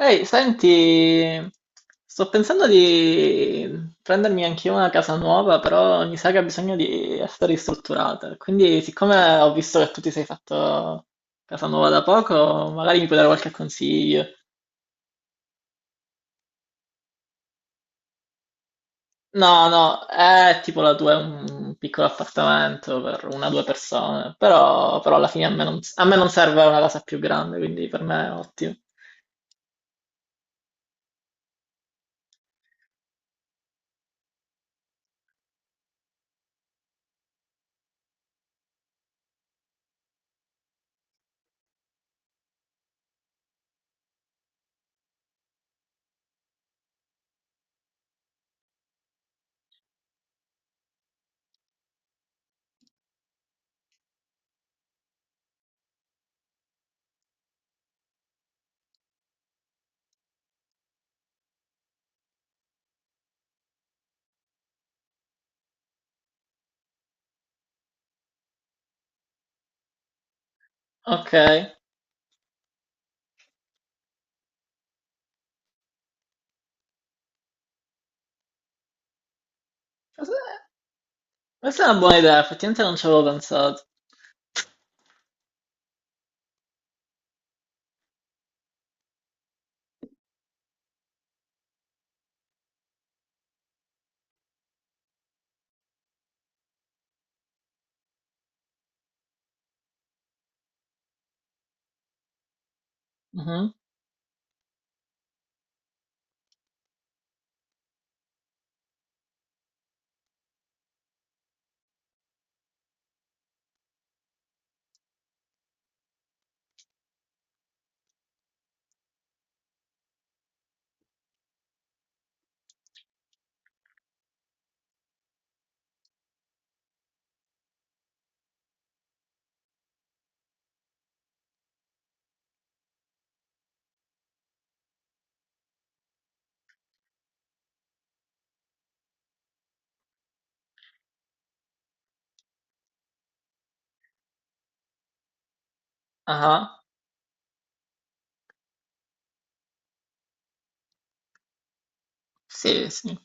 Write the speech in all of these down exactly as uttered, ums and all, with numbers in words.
Ehi, senti, sto pensando di prendermi anche io una casa nuova, però mi sa che ha bisogno di essere ristrutturata. Quindi, siccome ho visto che tu ti sei fatto casa nuova da poco, magari mi puoi dare qualche consiglio. No, no, è tipo la tua, è un piccolo appartamento per una o due persone, però, però alla fine a me non, a me non serve una casa più grande, quindi per me è ottimo. Ok, questa questa è una buona idea, effettivamente non ci avevo pensato. Mhm. Ah. Sì, sì.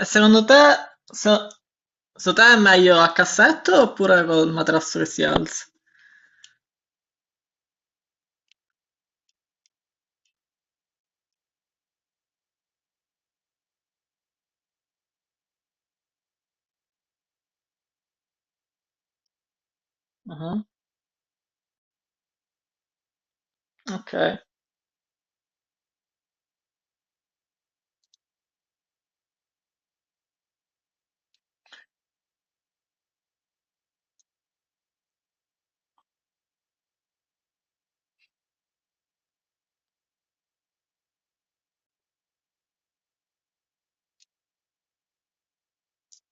E secondo te, so- secondo te è meglio a cassetto oppure col materasso che si alza? Mhm. Ok,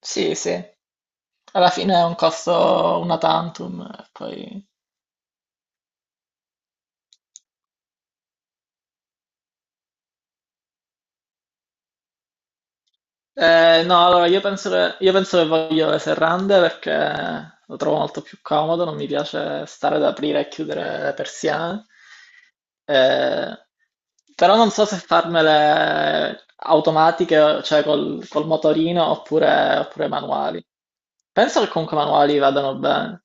sì, sì. Alla fine è un costo una tantum, e poi... Eh, no, allora io penso che, io penso che voglio le serrande perché lo trovo molto più comodo, non mi piace stare ad aprire e chiudere le persiane. Eh, però non so se farmele automatiche, cioè col, col motorino oppure, oppure manuali. Penso che comunque manuali vadano bene.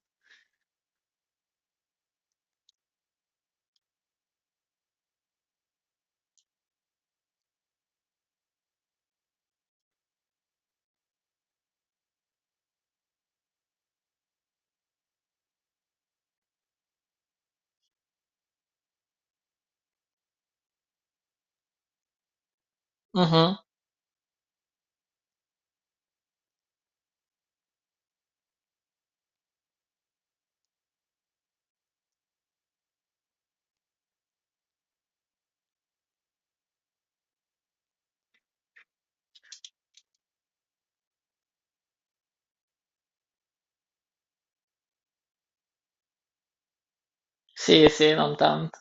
Mhm. Sì, sì, non tanto.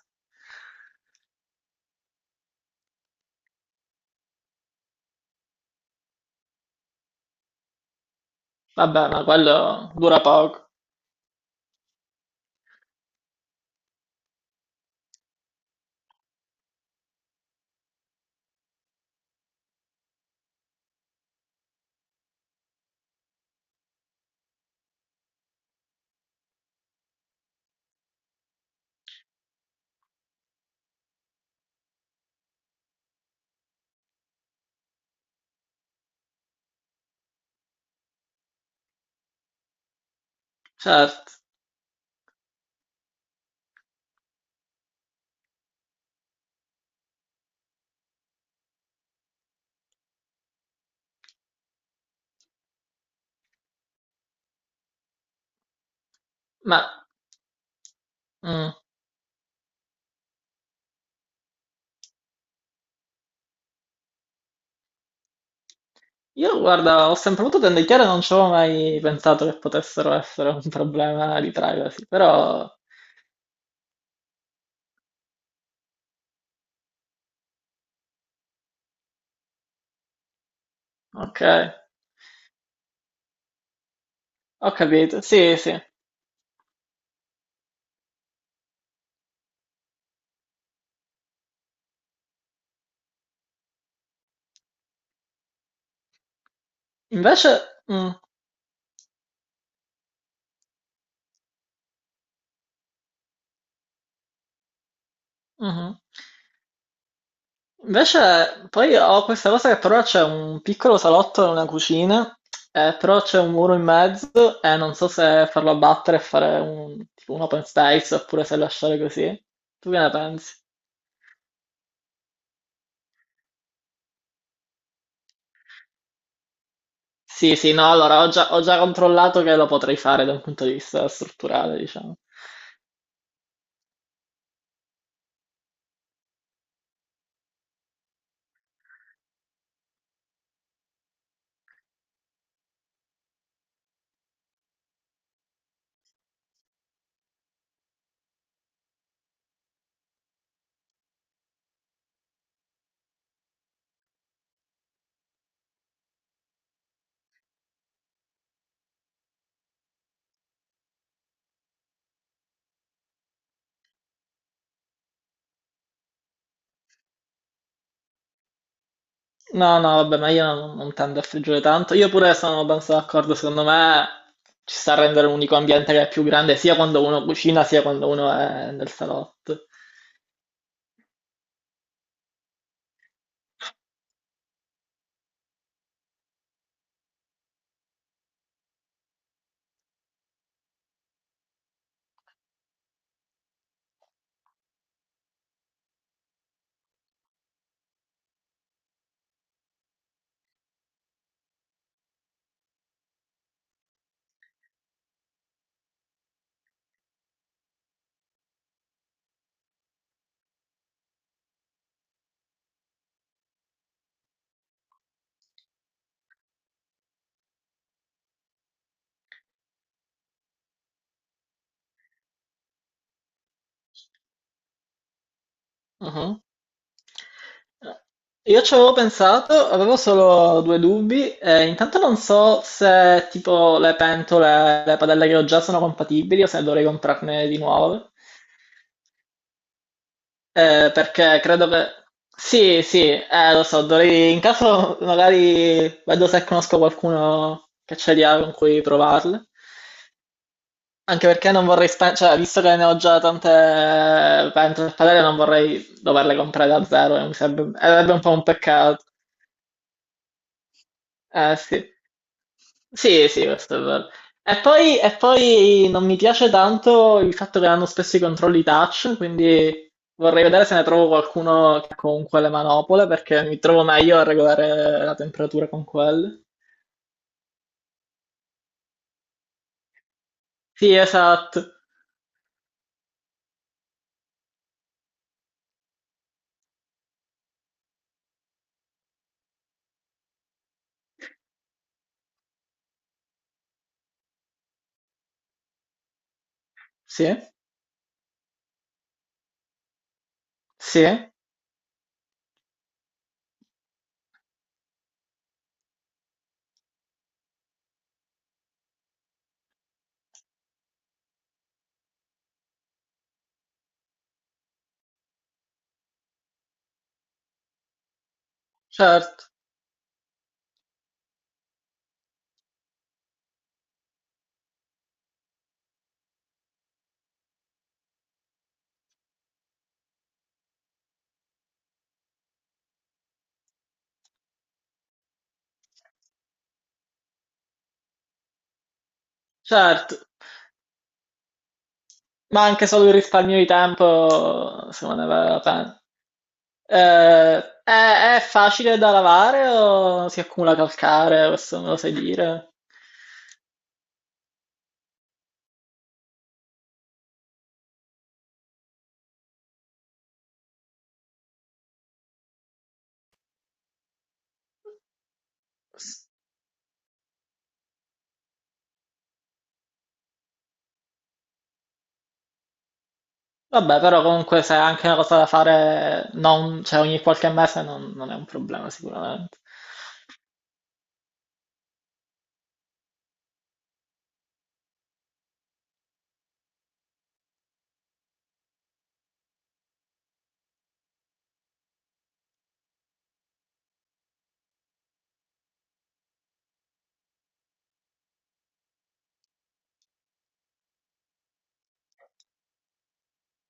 Vabbè, ma quello dura poco, certo. Ma mm, io, guarda, ho sempre avuto tende chiare, non ci avevo mai pensato che potessero essere un problema di privacy, però ok, ho capito. Sì, sì. Invece, mm, mhm. Invece, poi ho questa cosa che però c'è un piccolo salotto e una cucina, eh, però c'è un muro in mezzo e non so se farlo abbattere e fare un, tipo un open space oppure se lasciare così. Tu che ne pensi? Sì, sì, no, allora ho già, ho già controllato che lo potrei fare da un punto di vista strutturale, diciamo. No, no, vabbè, ma io non, non tendo a friggere tanto. Io pure sono abbastanza d'accordo, secondo me ci sta a rendere un unico ambiente che è più grande sia quando uno cucina sia quando uno è nel salotto. Mhm. Io ci avevo pensato, avevo solo due dubbi. Eh, intanto non so se tipo le pentole, le padelle che ho già sono compatibili o se dovrei comprarne di nuove. Ehm, perché credo che sì, sì, eh, lo so, dovrei... in caso magari vedo se conosco qualcuno che ce li ha con cui provarle. Anche perché non vorrei spendere, cioè, visto che ne ho già tante pentole e padelle, non vorrei doverle comprare da zero, e mi sarebbe... sarebbe un po' un peccato. Eh sì. Sì, sì, questo è vero. E poi, e poi non mi piace tanto il fatto che hanno spesso i controlli touch, quindi vorrei vedere se ne trovo qualcuno con quelle manopole, perché mi trovo meglio a regolare la temperatura con quelle. Sì, esatto. Sì, sì, certo, certo. Ma anche solo il risparmio di tempo, secondo me, vale la pena. Eh, è, è facile da lavare o si accumula calcare? Questo me lo sai dire? Vabbè, però comunque se è anche una cosa da fare non, cioè ogni qualche mese non, non è un problema sicuramente.